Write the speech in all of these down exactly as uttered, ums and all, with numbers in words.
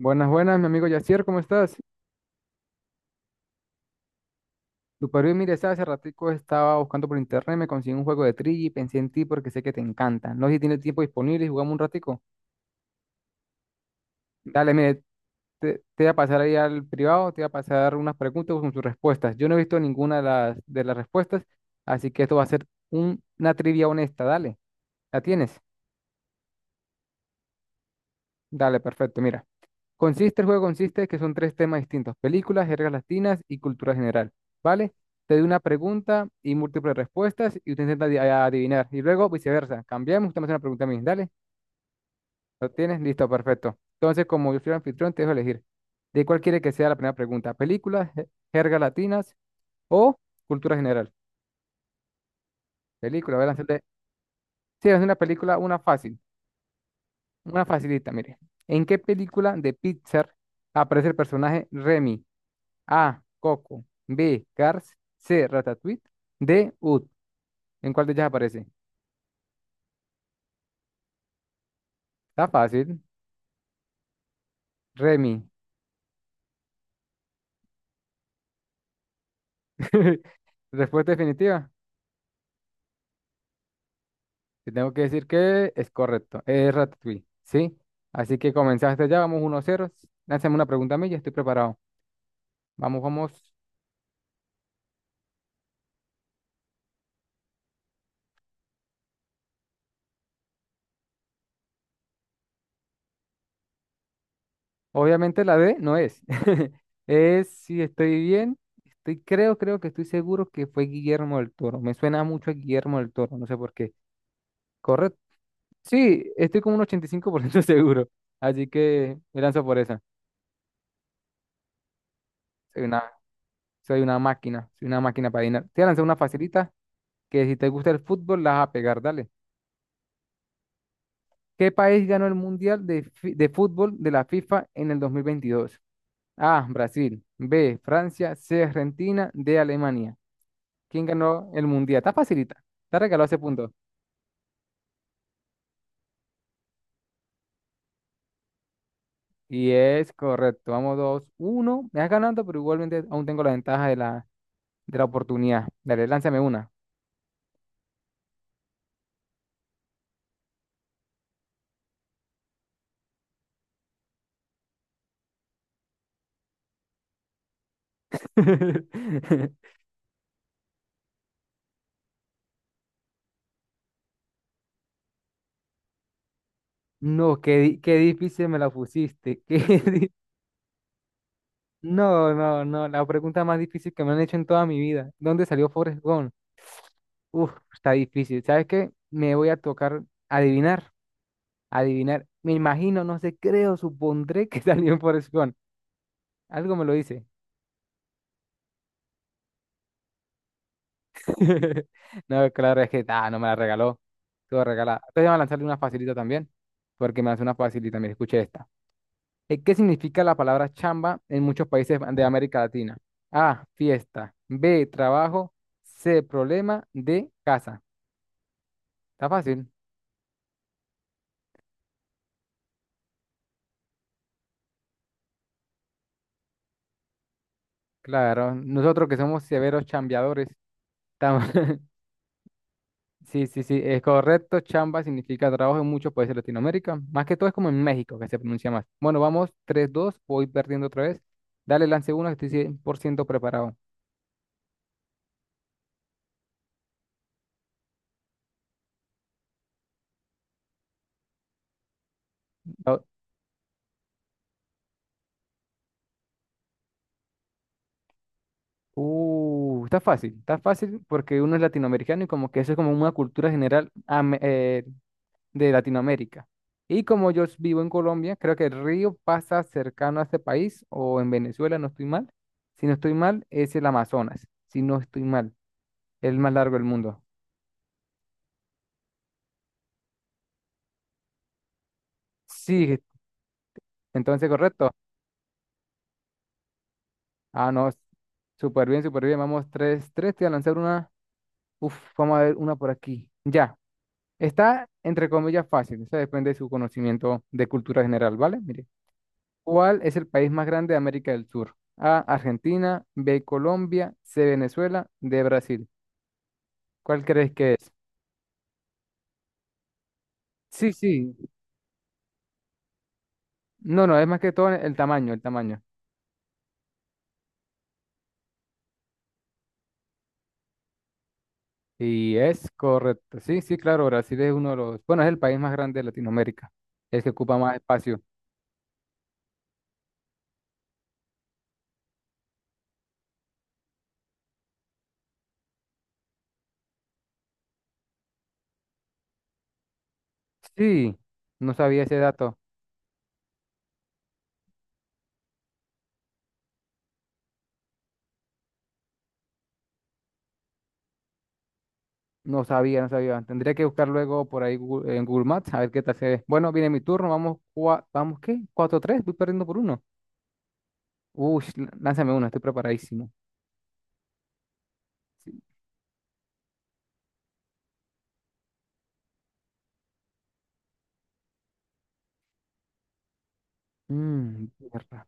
Buenas, buenas, mi amigo Yacier, ¿cómo estás? Super bien, mire, ¿sabes? Hace ratico estaba buscando por internet, me conseguí un juego de trivia y pensé en ti porque sé que te encanta. No sé si tienes tiempo disponible y jugamos un ratico. Dale, mire, te, te voy a pasar ahí al privado, te voy a pasar unas preguntas con sus respuestas. Yo no he visto ninguna de las, de las respuestas, así que esto va a ser un- una trivia honesta, dale. ¿La tienes? Dale, perfecto, mira. Consiste, el juego consiste en que son tres temas distintos, películas, jergas latinas y cultura general, ¿vale? Te doy una pregunta y múltiples respuestas y usted intenta adi- a- adivinar. Y luego viceversa, cambiamos, usted me hace una pregunta a mí, dale, ¿lo tienes? Listo, perfecto. Entonces, como yo soy el anfitrión, te dejo elegir. ¿De cuál quiere que sea la primera pregunta? ¿Películas, je- jergas latinas o cultura general? Película, voy a lanzarle. Sí, es una película, una fácil, una facilita, mire. ¿En qué película de Pixar aparece el personaje Remy? A. Coco. B. Cars. C. Ratatouille. D. Ud. ¿En cuál de ellas aparece? Está fácil. Remy. Respuesta definitiva. Te tengo que decir que es correcto. Es Ratatouille. ¿Sí? Así que comenzaste ya. Vamos uno a cero. Lánzame una pregunta a mí. Ya estoy preparado. Vamos, vamos. Obviamente la D no es. Es si estoy bien. Estoy, creo, creo que estoy seguro que fue Guillermo del Toro. Me suena mucho a Guillermo del Toro. No sé por qué. Correcto. Sí, estoy como un ochenta y cinco por ciento seguro. Así que me lanzo por esa. Soy una, soy una máquina, soy una máquina para adivinar. Te voy a lanzar una facilita que si te gusta el fútbol, la vas a pegar, dale. ¿Qué país ganó el Mundial de, fi- de Fútbol de la FIFA en el dos mil veintidós? A, Brasil. B, Francia. C, Argentina. D, Alemania. ¿Quién ganó el Mundial? Está facilita. Te regaló ese punto. Y es correcto. Vamos dos, uno. Me vas ganando, pero igualmente aún tengo la ventaja de la, de la oportunidad. Dale, lánzame una. No, qué, di- qué difícil me la pusiste. qué di- No, no, no, la pregunta más difícil que me han hecho en toda mi vida. ¿Dónde salió Forrest Gump? Uf, está difícil. ¿Sabes qué? Me voy a tocar adivinar, adivinar. Me imagino, no sé, creo, supondré que salió en Forrest Gump. Algo me lo dice. No, claro, es que ah, no me la regaló. Todo regalada. Entonces voy a lanzarle una facilita también, porque me hace una facilita. Mira, escuché esta. Eh, ¿Qué significa la palabra chamba en muchos países de América Latina? A, fiesta. B, trabajo. C, problema. D, casa. Está fácil. Claro, nosotros que somos severos chambeadores estamos- Sí, sí, sí, es correcto. Chamba significa trabajo en muchos países de Latinoamérica. Más que todo es como en México que se pronuncia más. Bueno, vamos, tres, dos, voy perdiendo otra vez. Dale, lance uno, que estoy cien por ciento preparado. Uh, está fácil, está fácil porque uno es latinoamericano y como que eso es como una cultura general ame- eh, de Latinoamérica. Y como yo s- vivo en Colombia, creo que el río pasa cercano a este país o en Venezuela, no estoy mal. Si no estoy mal, es el Amazonas. Si no estoy mal, el más largo del mundo. Sí, entonces correcto. Ah, no, súper bien, súper bien. Vamos, tres, tres, te voy a lanzar una. Uf, vamos a ver una por aquí. Ya. Está, entre comillas, fácil. Eso depende de su conocimiento de cultura general, ¿vale? Mire, ¿cuál es el país más grande de América del Sur? A, Argentina, B, Colombia, C, Venezuela, D, Brasil. ¿Cuál crees que es? Sí, sí. No, no, es más que todo el tamaño, el tamaño. Y es correcto. Sí, sí, claro, Brasil es uno de los, bueno, es el país más grande de Latinoamérica, el que ocupa más espacio. Sí, no sabía ese dato. No sabía, no sabía. Tendría que buscar luego por ahí Google- en Google Maps a ver qué tal se ve. Bueno, viene mi turno. Vamos, cua- vamos, qué cuatro tres voy perdiendo por uno. Uy, lánzame una, estoy preparadísimo. Sí. Mm, birra.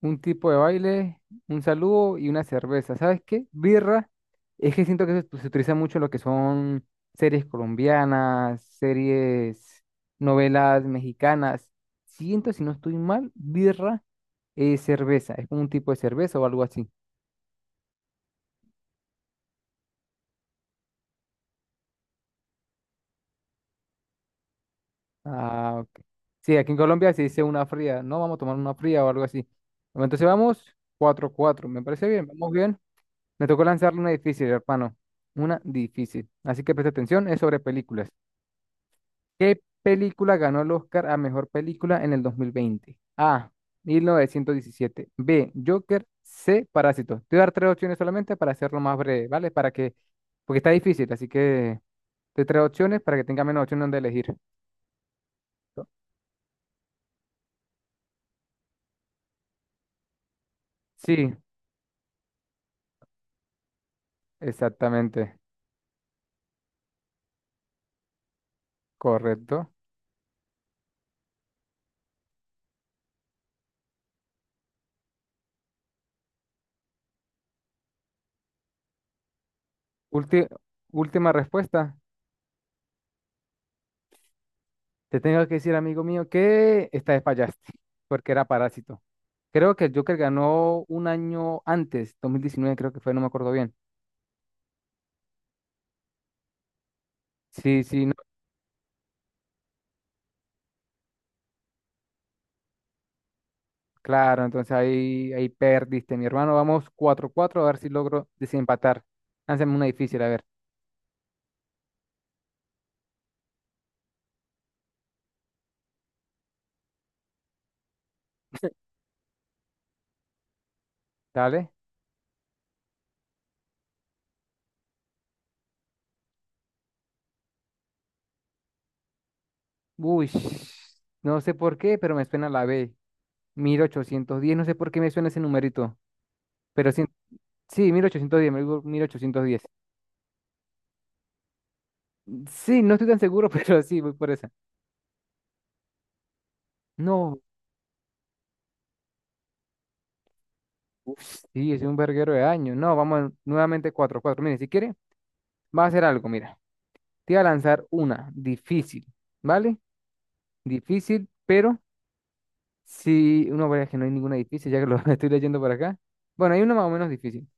Un tipo de baile, un saludo y una cerveza. ¿Sabes qué? Birra. Es que siento que se, se utiliza mucho en lo que son series colombianas, series, novelas mexicanas. Siento, si no estoy mal, birra es cerveza. Es como un tipo de cerveza o algo así. Ah, ok. Sí, aquí en Colombia se dice una fría. No, vamos a tomar una fría o algo así. Bueno, entonces vamos cuatro cuatro. Me parece bien, vamos bien. Me tocó lanzarle una difícil, hermano. Una difícil. Así que presta atención, es sobre películas. ¿Qué película ganó el Oscar a mejor película en el dos mil veinte? A. mil novecientos diecisiete. B. Joker. C. Parásitos. Te voy a dar tres opciones solamente para hacerlo más breve, ¿vale? Para que. Porque está difícil, así que. Te tres opciones para que tenga menos opciones donde elegir. Sí, exactamente, correcto. Ulti- última respuesta. Te tengo que decir, amigo mío, que esta vez fallaste, porque era Parásito. Creo que el Joker ganó un año antes, dos mil diecinueve creo que fue, no me acuerdo bien. Sí, sí, no, claro, entonces ahí, ahí perdiste, mi hermano. Vamos cuatro cuatro a ver si logro desempatar. Lánzame una difícil, a ver, dale. Uy, no sé por qué, pero me suena la B. Mil ochocientos diez no sé por qué me suena ese numerito, pero sí. Sí, mil ochocientos diez, me digo mil ochocientos diez. Sí, no estoy tan seguro, pero sí, voy por esa. No, uf, sí, es un verguero de años. No, vamos a nuevamente cuatro, cuatro. Mire, si quiere, va a hacer algo, mira. Te voy a lanzar una difícil, ¿vale? Difícil, pero si uno ve que no hay ninguna difícil, ya que lo estoy leyendo por acá. Bueno, hay una más o menos difícil.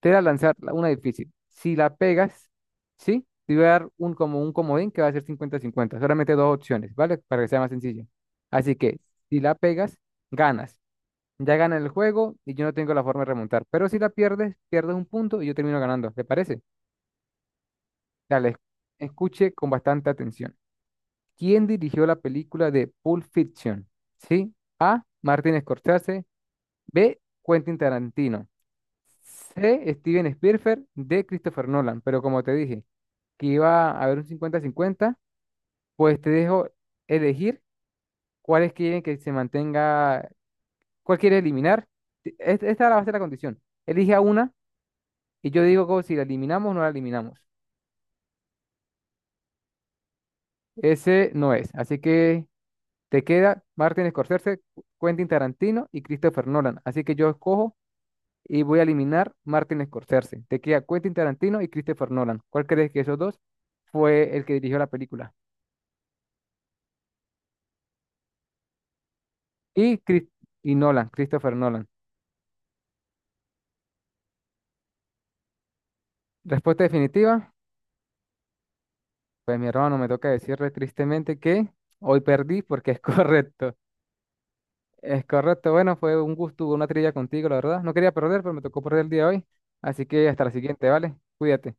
Te voy a lanzar la- una difícil. Si la pegas, ¿sí? Te voy a dar un, como un comodín que va a ser cincuenta cincuenta. Solamente dos opciones, ¿vale? Para que sea más sencillo. Así que, si la pegas, ganas. Ya gana el juego y yo no tengo la forma de remontar. Pero si la pierdes, pierdes un punto y yo termino ganando. ¿Te parece? Dale, escuche con bastante atención. ¿Quién dirigió la película de Pulp Fiction? ¿Sí? A. Martin Scorsese. B. Quentin Tarantino. C. Steven Spielberg. D. Christopher Nolan. Pero como te dije que iba a haber un cincuenta-cincuenta, pues te dejo elegir cuáles quieren que se mantenga, cuál quieres eliminar. Ti- es- Esta va a ser la condición. Elige a una y yo digo como si la eliminamos o no la eliminamos. Ese no es. Así que te queda Martin Scorsese, Quentin Tarantino y Christopher Nolan. Así que yo escojo y voy a eliminar Martin Scorsese. Te queda Quentin Tarantino y Christopher Nolan. ¿Cuál crees que esos dos fue el que dirigió la película? Y, Chris- y Nolan, Christopher Nolan. Respuesta definitiva. Pues mi hermano, me toca decirle tristemente que hoy perdí porque es correcto. Es correcto. Bueno, fue un gusto, una trilla contigo, la verdad. No quería perder, pero me tocó perder el día de hoy. Así que hasta la siguiente, ¿vale? Cuídate.